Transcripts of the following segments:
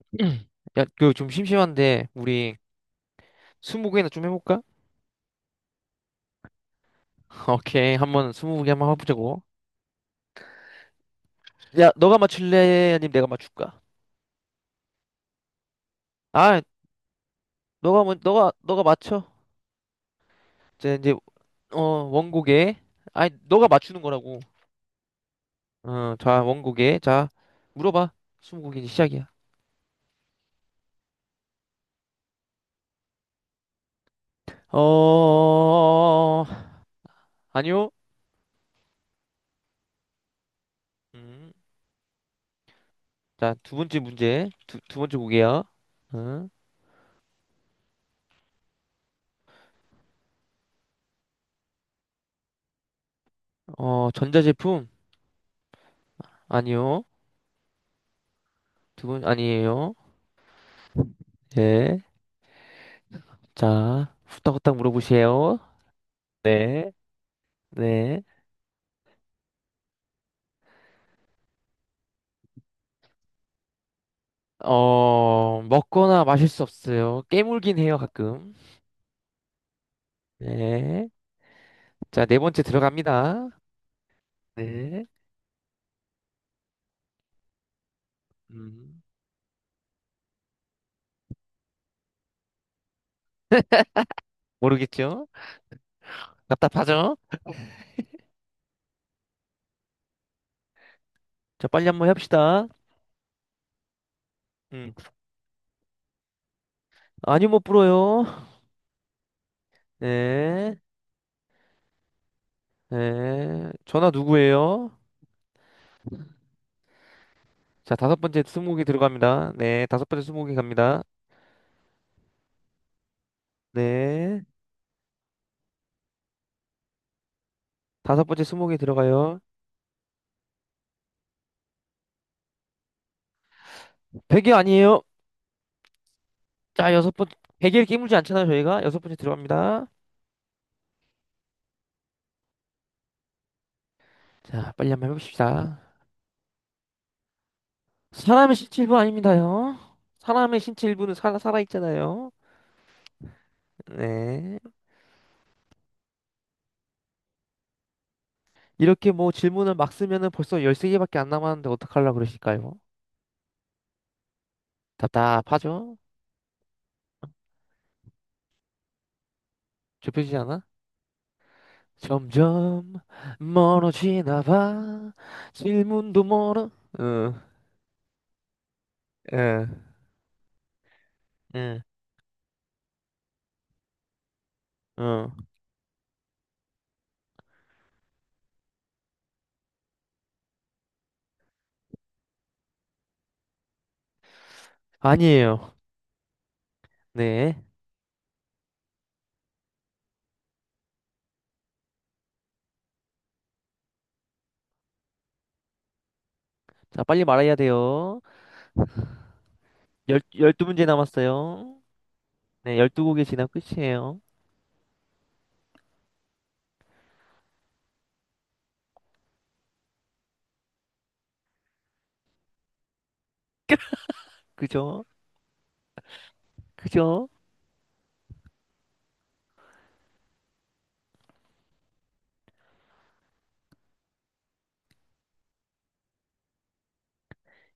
야, 그 좀 심심한데 우리 스무고개나 좀 해볼까? 오케이, 한번 스무고개 한번 해보자고. 야, 너가 맞출래? 아니면 내가 맞출까? 아, 너가 먼 너가 너가 맞춰. 이제 어 원곡에. 아니, 너가 맞추는 거라고. 어, 자 원곡에. 자 물어봐. 스무고개 이제 시작이야. 어, 아니요. 음, 자두 번째 문제, 두 번째 곡이야. 응? 어, 전자제품. 아니요. 두 번 아니에요. 예. 자, 후딱후딱 물어보세요. 네, 네. 어, 먹거나 마실 수 없어요. 깨물긴 해요, 가끔. 네. 자, 네 번째 들어갑니다. 네. 음, 모르겠죠? 답답하죠? 자, 빨리 한번 합시다. 음. 아니요, 못 불어요. 네, 네. 전화 누구예요? 자, 다섯 번째 스무고개 들어갑니다. 네, 다섯 번째 스무고개 갑니다. 네. 다섯 번째 스무고개 들어가요. 백이 아니에요. 자, 여섯 번, 베개를 깨물지 않잖아요, 저희가. 여섯 번째 들어갑니다. 자, 빨리 한번 해봅시다. 사람의 신체 일부 아닙니다요. 사람의 신체 일부는 살아있잖아요. 네. 이렇게 뭐 질문을 막 쓰면은 벌써 13개밖에 안 남았는데 어떡하려고 그러실까요? 답답하죠? 좁혀지지 않아? 점점 멀어지나 봐. 질문도 멀어. 응, 응, 응, 응. 아니에요. 네. 자, 빨리 말해야 돼요. 열두 문제 남았어요. 네, 12곡이 지나 끝이에요. 그죠? 그죠?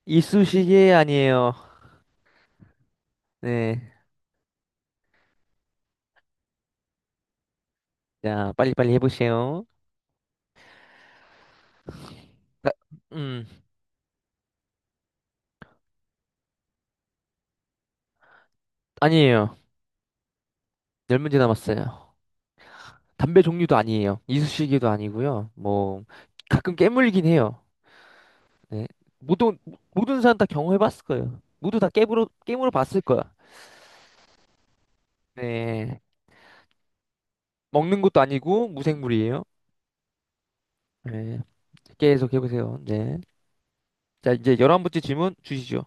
이쑤시개 아니에요. 네. 자, 빨리빨리 해보세요. 아, 음, 아니에요. 열 문제 남았어요. 담배 종류도 아니에요. 이쑤시개도 아니고요. 뭐, 가끔 깨물긴 해요. 네. 모든, 모든 사람 다 경험해봤을 거예요. 모두 다 깨물어 봤을 거야. 네. 먹는 것도 아니고, 무생물이에요. 네. 계속 해보세요. 네. 자, 이제 열한번째 질문 주시죠.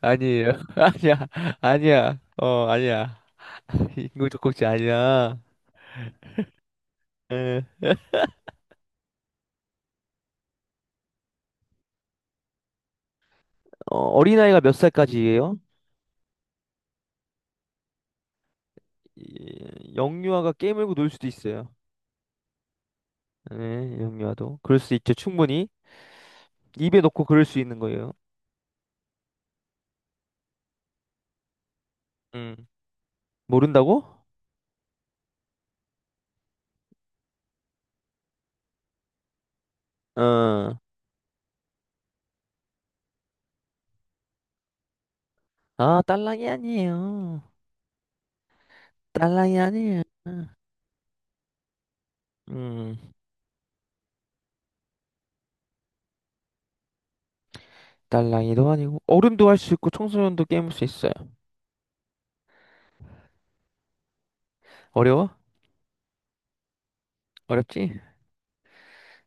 아니에요. 아니야. 아니야. 어, 아니야. 인공젖꼭지 아니야. 에. 어, 어린아이가 몇 살까지예요? 영유아가 깨물고 놀 수도 있어요. 예, 영유아도. 그럴 수 있죠. 충분히. 입에 넣고 그럴 수 있는 거예요. 음. 모른다고? 어. 아, 딸랑이 아니에요. 딸랑이 아니에요. 음. 딸랑이도 아니고 어른도 할 수 있고 청소년도 게임할 수 있어요. 어려워? 어렵지?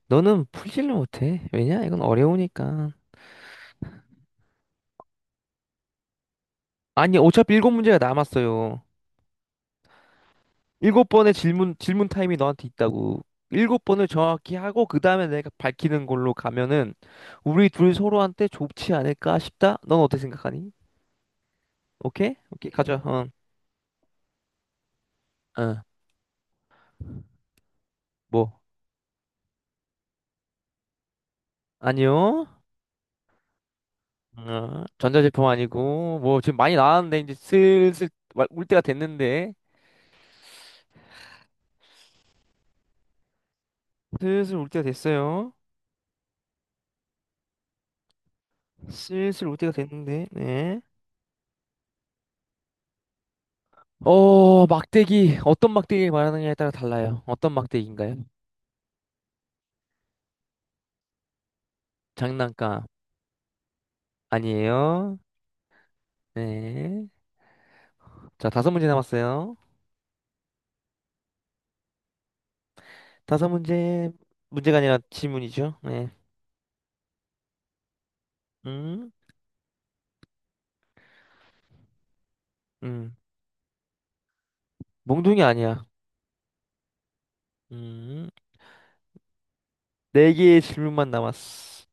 너는 풀지를 못해. 왜냐? 이건 어려우니까. 아니, 어차피 일곱 문제가 남았어요. 일곱 번의 질문, 질문 타임이 너한테 있다고. 일곱 번을 정확히 하고, 그 다음에 내가 밝히는 걸로 가면은, 우리 둘 서로한테 좋지 않을까 싶다? 넌 어떻게 생각하니? 오케이? 오케이, 가자. 어, 어, 뭐. 아니요. 어, 전자제품 아니고, 뭐, 지금 많이 나왔는데, 이제 슬슬 올 때가 됐는데. 슬슬 올 때가 됐어요. 슬슬 올 때가 됐는데, 네. 어, 막대기. 어떤 막대기 말하느냐에 따라 달라요. 어떤 막대기인가요? 장난감 아니에요. 네. 자, 다섯 문제 남았어요. 다섯 문제, 문제가 아니라 질문이죠. 네. 음, 음. 몽둥이 아니야. 음. 네 개의 질문만 남았어.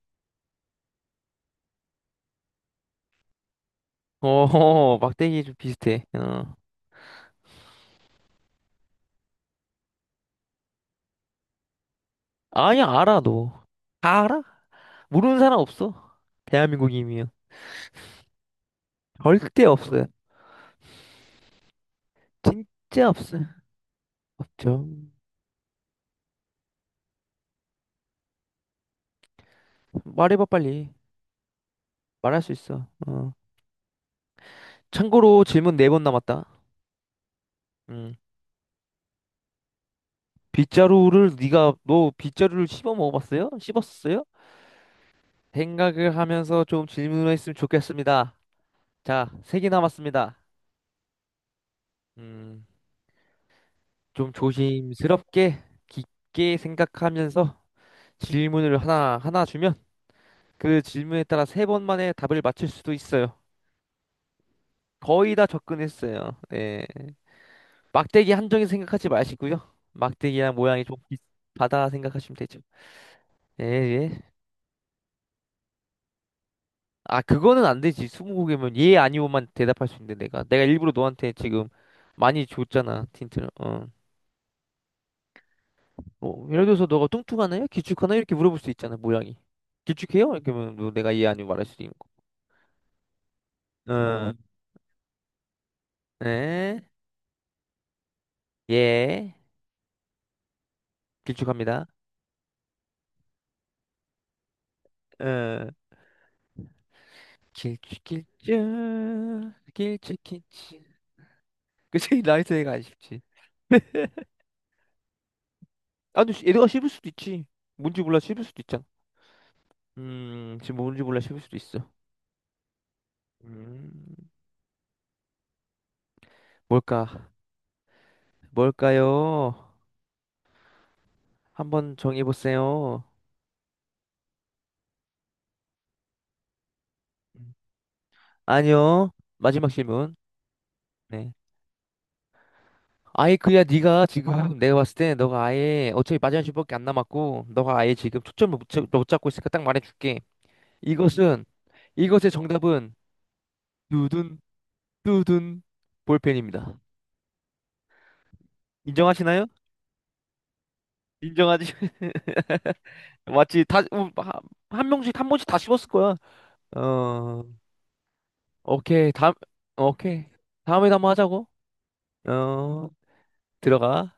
어, 막대기 좀 비슷해. 어. 아니, 알아, 너. 다 알아? 모르는 사람 없어. 대한민국이면. 절대 없어요. 진짜 없어요. 없죠. 말해봐, 빨리. 말할 수 있어. 어. 참고로 질문 네 번 남았다. 음. 빗자루를 네가 너 빗자루를 씹어 먹어봤어요? 씹었어요? 생각을 하면서 좀 질문을 했으면 좋겠습니다. 자, 세 개 남았습니다. 음, 좀 조심스럽게 깊게 생각하면서 질문을 하나 하나 주면 그 질문에 따라 세 번 만에 답을 맞출 수도 있어요. 거의 다 접근했어요. 네. 막대기 한정인 생각하지 마시고요. 막대기랑 모양이 좀 비슷하다 생각하시면 되죠. 예, 예. 아, 그거는 안 되지. 스무고개면 예, 아니오만 대답할 수 있는데 내가. 내가 일부러 너한테 지금 많이 줬잖아, 틴트를. 어. 뭐, 예를 들어서 너가 뚱뚱하나요? 길쭉하나요? 이렇게 물어볼 수 있잖아, 모양이. 길쭉해요? 이렇게 하면 뭐 내가 예, 아니오 말할 수도 있는 거. 어. 에? 예. 길쭉합니다. 어. 길쭉, 길쭉. 길쭉, 길쭉. 그치, 나이스 애가 안 쉽지. 아, 근데 애가 씹을 수도 있지. 뭔지 몰라 씹을 수도 있잖아. 지금 뭔지 몰라 씹을 수도 있어. 음, 뭘까? 뭘까요? 한번 정해보세요. 음. 아니요. 마지막 질문. 네. 아예 그야 네가 지금 내가 봤을 때 너가 아예 어차피 마지막 질문밖에 안 남았고 너가 아예 지금 초점을 못 잡고 있으니까 딱 말해줄게. 이것은 이것의 정답은 두둔 두둔 볼펜입니다. 인정하시나요? 인정하지? 맞지? 다 한 명씩 한 번씩 다 씹었을 거야. 어, 오케이 다음 오케이, 다음에 한번 하자고. 어, 들어가.